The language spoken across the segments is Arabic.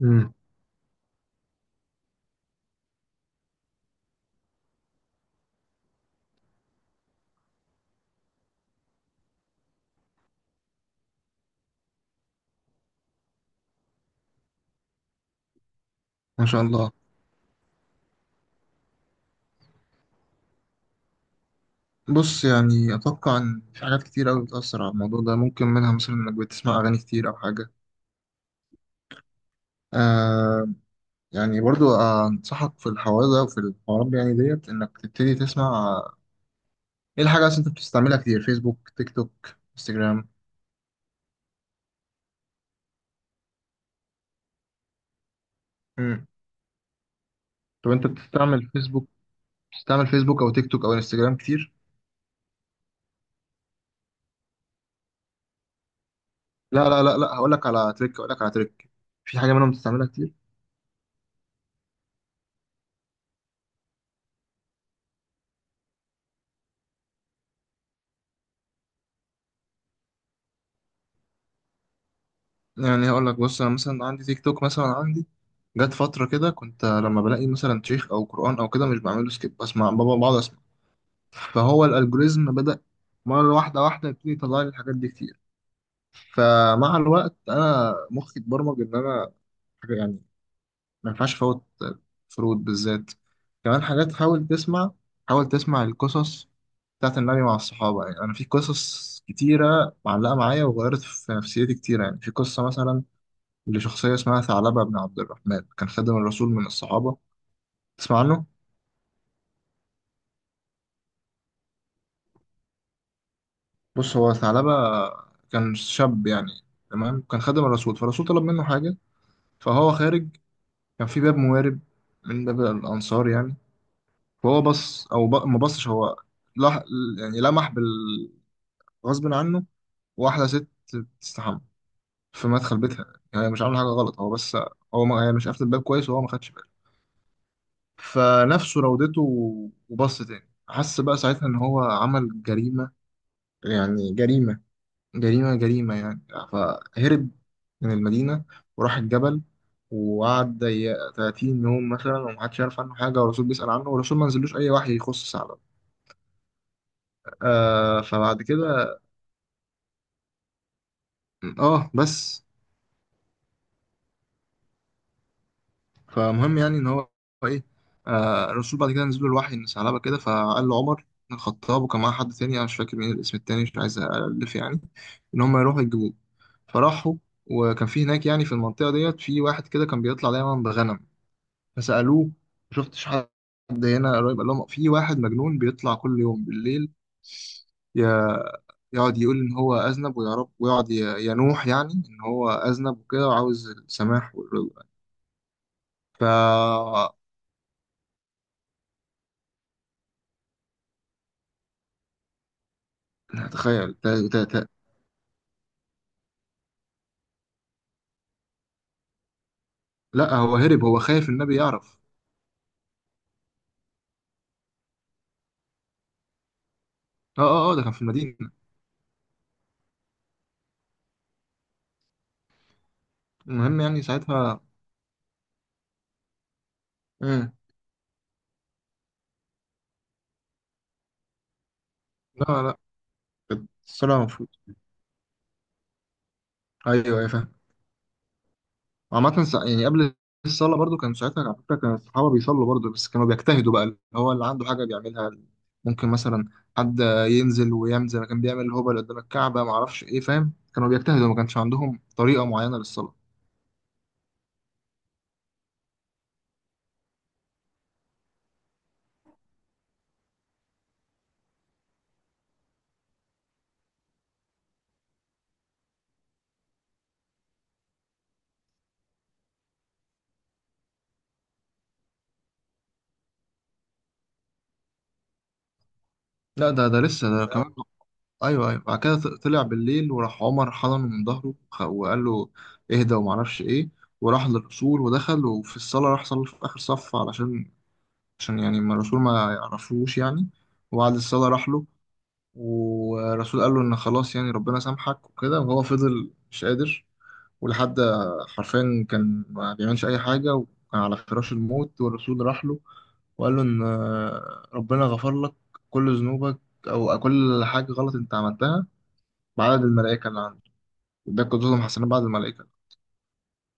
مم. ما شاء الله. بص، يعني أتوقع إن في حاجات كتير أوي بتأثر على الموضوع ده، ممكن منها مثلا إنك بتسمع أغاني كتير أو حاجة. آه، يعني برضو أنصحك في الحوار ده وفي الحوارات دي، يعني ديت إنك تبتدي تسمع. إيه الحاجة أصلا أنت بتستعملها كتير؟ فيسبوك، تيك توك، انستجرام؟ مم. طب أنت بتستعمل فيسبوك؟ بتستعمل فيسبوك أو تيك توك أو انستجرام كتير؟ لا، هقول لك على تريك، هقول لك على تريك. في حاجة منهم بتستعملها كتير؟ يعني هقول لك، بص انا مثلا عندي تيك توك. مثلا عندي جت فتره كده، كنت لما بلاقي مثلا شيخ او قران او كده مش بعمله سكيب، بسمع، بابا بقعد اسمع. فهو الالجوريزم بدا مره واحده، واحده يبتدي يطلع لي الحاجات دي كتير. فمع الوقت انا مخي اتبرمج ان انا حاجه يعني ما ينفعش فوت فروض بالذات. كمان حاجات، حاول تسمع، حاول تسمع القصص بتاعت النبي مع الصحابه. يعني انا في قصص كتيره معلقه معايا وغيرت في نفسيتي كتير. يعني في قصه مثلا لشخصية اسمها ثعلبة بن عبد الرحمن، كان خادم الرسول من الصحابة. تسمع عنه؟ بص، هو ثعلبة كان شاب يعني، تمام؟ كان خادم الرسول، فالرسول طلب منه حاجة، فهو خارج، كان في باب موارب من باب الأنصار يعني. فهو بص أو ما بصش، هو لح... يعني لمح بال غصب عنه واحدة ست تستحمى في مدخل بيتها. يعني هي مش عاملة حاجة غلط، هو بس، هو ما... هي مش قافلة الباب كويس وهو ما خدش باله، فنفسه راودته. وبص تاني، حس بقى ساعتها إن هو عمل جريمة، يعني جريمة، جريمة جريمة يعني. فهرب من المدينة وراح الجبل، وقعد 30 يوم مثلا، ومحدش يعرف عنه حاجة، والرسول بيسأل عنه، والرسول ما نزلوش أي وحي يخص سعد. آه، فبعد كده، اه بس، فمهم يعني ان هو، ايه، آه، الرسول بعد كده نزل له الوحي ان ثعلبه كده. فقال له عمر بن الخطاب، وكان معاه حد تاني انا مش فاكر مين الاسم التاني، مش عايز الف يعني، ان هم يروحوا يجيبوه. فراحوا، وكان في هناك يعني في المنطقه ديت في واحد كده كان بيطلع دايما بغنم. فسألوه ما شفتش حد هنا قريب؟ قال لهم في واحد مجنون بيطلع كل يوم بالليل، ي- يقعد يقول إن هو أذنب ويعرف، ويقعد ينوح يعني إن هو أذنب وكده وعاوز السماح والرضا. ف تخيل. لا، هو هرب، هو خايف النبي يعرف. اه، ده كان في المدينة. المهم يعني ساعتها. مم. لا لا، الصلاة المفروض. أيوه، أيوة، فاهم. عامة يعني قبل الصلاة برضو كان ساعتها، على فكرة، كان الصحابة بيصلوا برضو، بس كانوا بيجتهدوا بقى. اللي هو اللي عنده حاجة بيعملها، ممكن مثلا حد ينزل ويعمل زي ما كان بيعمل الهبل قدام الكعبة ما اعرفش ايه، فاهم؟ كانوا بيجتهدوا، ما كانش عندهم طريقة معينة للصلاة. لا ده ده لسه ده كمان. ايوه ايوه، بعد كده طلع بالليل، وراح عمر حضنه من ظهره وقال له اهدى وما اعرفش ايه. وراح للرسول ودخل، وفي الصلاة راح صلى في آخر صف علشان، عشان يعني ما الرسول ما يعرفوش يعني. وبعد الصلاة راح له، والرسول قال له ان خلاص يعني ربنا سامحك وكده، وهو فضل مش قادر. ولحد، حرفيا كان ما بيعملش اي حاجه، وكان على فراش الموت، والرسول راح له وقال له ان ربنا غفر لك كل ذنوبك، او كل حاجه غلط انت عملتها، بعدد الملائكه اللي عنده، وده كلهم حسنات بعد الملائكه.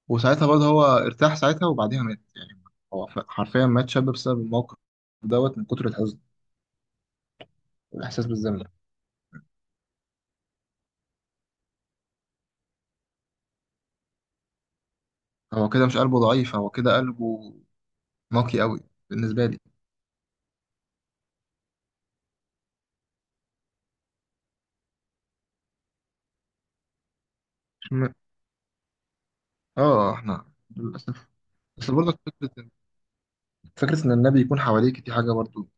وساعتها برضه هو ارتاح ساعتها، وبعديها مات يعني. هو حرفيا مات شاب بسبب الموقف دوت، من كتر الحزن والإحساس بالذنب. هو كده مش قلبه ضعيف، هو كده قلبه واقعي قوي بالنسبه لي. مش م... اه، احنا للاسف. بس برضه فكره ان النبي يكون حواليك دي حاجه برضه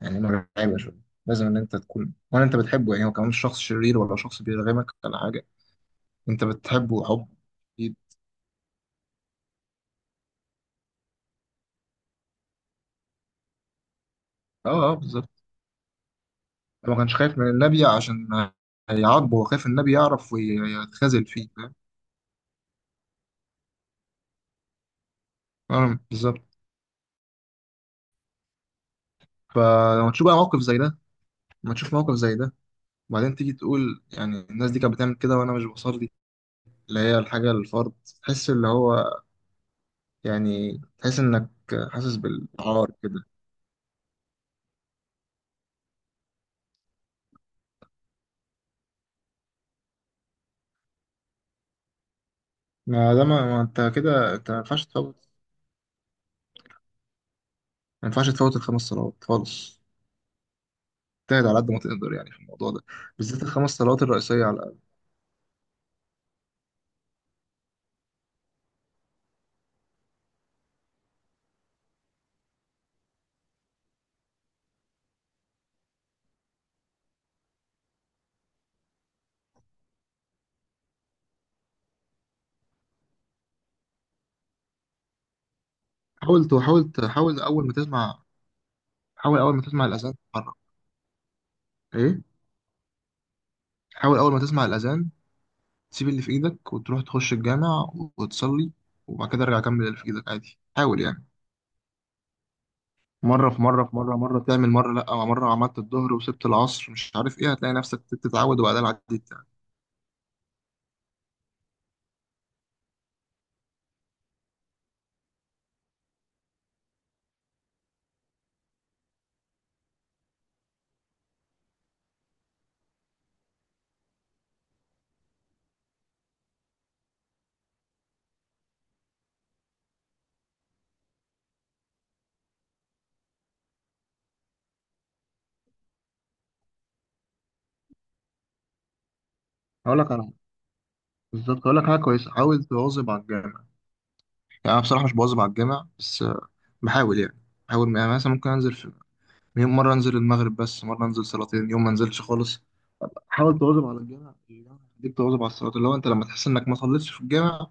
يعني مرعبه شويه، لازم ان انت تكون، ولا انت بتحبه يعني، هو كمان مش شخص شرير ولا شخص بيرغمك ولا حاجه، انت بتحبه حب شديد. اه، بالظبط، هو ما كانش خايف من النبي عشان هيعاقبه، هو خايف النبي يعرف ويتخاذل فيه، فاهم؟ آه، بالظبط. فلما تشوف بقى موقف زي ده، لما تشوف موقف زي ده، وبعدين تيجي تقول يعني الناس دي كانت بتعمل كده وانا مش بصلي، اللي هي الحاجه الفرض، تحس اللي هو، يعني تحس انك حاسس بالعار كده. ما ده ما انت كده انت ما ينفعش تفوت، ما ينفعش تفوت الخمس صلوات خالص. تبتعد على قد ما تقدر يعني في الموضوع ده، بالذات الخمس صلوات الرئيسية على الأقل. حاول حاول أول ما تسمع، حاول أول ما تسمع الأذان تتحرك. إيه، حاول أول ما تسمع الأذان تسيب اللي في إيدك وتروح تخش الجامع وتصلي، وبعد كده ارجع كمل اللي في إيدك عادي. حاول يعني، مرة في مرة في مرة مرة تعمل، مرة لأ، مرة عملت الظهر وسبت العصر مش عارف إيه، هتلاقي نفسك بتتعود وبعدين عديت يعني. هقول لك على، بالظبط، اقول لك حاجه كويسه، حاول تواظب على الجامع. يعني انا بصراحه مش بواظب على الجامع بس بحاول يعني، بحاول يعني. مثلا ممكن انزل في يوم مره انزل المغرب بس، مره انزل صلاتين، يوم ما انزلش خالص. حاول تواظب على الجامع، الجامع يخليك تواظب على الصلاه. اللي هو انت لما تحس انك ما صليتش في الجامع،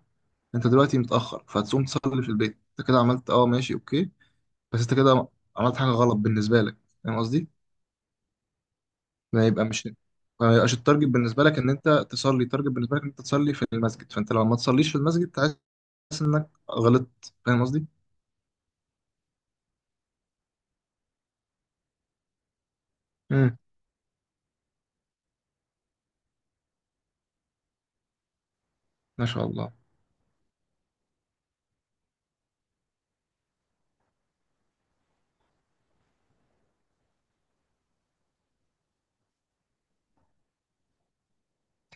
انت دلوقتي متاخر، فهتقوم تصلي في البيت، انت كده عملت، اه ماشي اوكي، بس انت كده عملت حاجه غلط بالنسبه لك، فاهم قصدي؟ ما يبقى مش ما يبقاش التارجت بالنسبه لك ان انت تصلي، التارجت بالنسبه لك ان انت تصلي في المسجد، فانت لما ما تصليش في المسجد تعيش غلطت، فاهم قصدي؟ مم. ما شاء الله.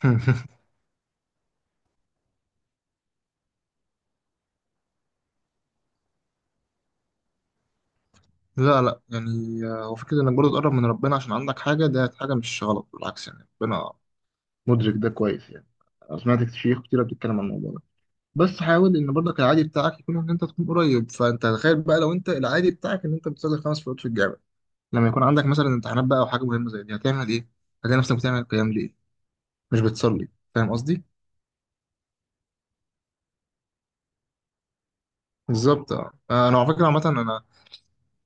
لا لا، يعني، آه، هو فكرة انك برضه تقرب من ربنا عشان عندك حاجة، ده حاجة مش غلط، بالعكس يعني، ربنا مدرك ده كويس يعني. أنا سمعت شيوخ كتيرة بتتكلم عن الموضوع ده، بس حاول ان برضك العادي بتاعك يكون ان انت تكون قريب. فانت تخيل بقى لو انت العادي بتاعك ان انت بتصلي خمس فروض في الجامع، لما يكون عندك مثلا امتحانات بقى او حاجة مهمة زي دي هتعمل ايه؟ هتلاقي نفسك بتعمل القيام ليه؟ مش بتصلي، فاهم قصدي؟ بالظبط، اه، آه، انا على فكرة عامة، انا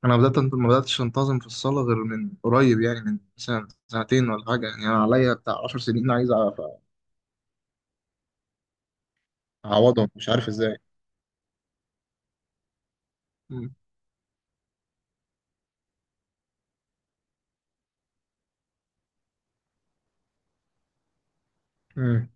انا ما بداتش انتظم في الصلاه غير من قريب يعني، من سنه سنتين ولا حاجه يعني، انا عليا بتاع 10 سنين عايز اعوضهم مش عارف ازاي. مم. مم.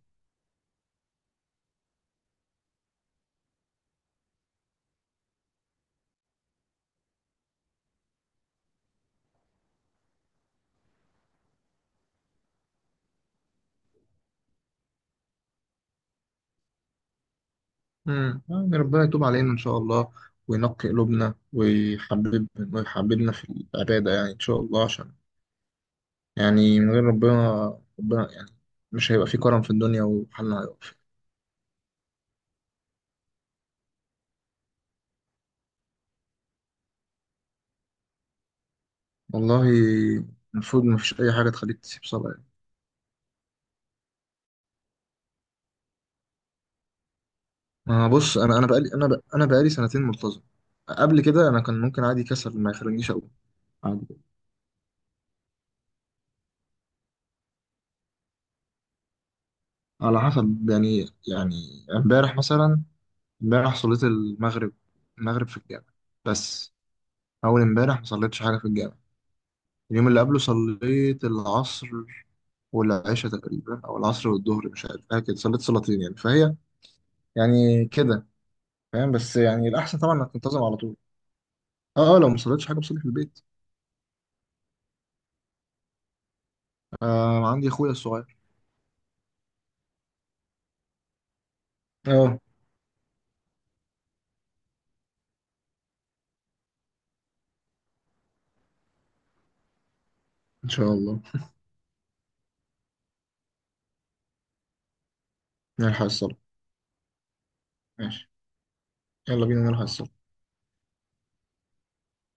يعني ربنا يتوب علينا ان شاء الله، وينقي قلوبنا، ويحببنا في العباده يعني ان شاء الله، عشان يعني من غير ربنا، ربنا يعني، مش هيبقى في كرم في الدنيا وحالنا هيقف. والله المفروض ما فيش اي حاجه تخليك تسيب صلاه. ما بص، انا انا بقالي سنتين ملتزم، قبل كده انا كان ممكن عادي كسل ما يخلينيش اقوم عادي. على حسب يعني، يعني امبارح مثلا، امبارح صليت المغرب، المغرب في الجامع بس. اول امبارح ما صليتش حاجه في الجامع. اليوم اللي قبله صليت العصر والعشاء تقريبا، او العصر والظهر مش عارف حاجه كده، صليت صلاتين يعني، فهي يعني كده، فاهم؟ بس يعني الاحسن طبعا انك تنتظم على طول. اه، لو ما صليتش حاجه بصلي في البيت. آه، عندي اخويا الصغير. اه. ان شاء الله. نلحق الصلاة، ماشي، يلا بينا نلحق الصلاة.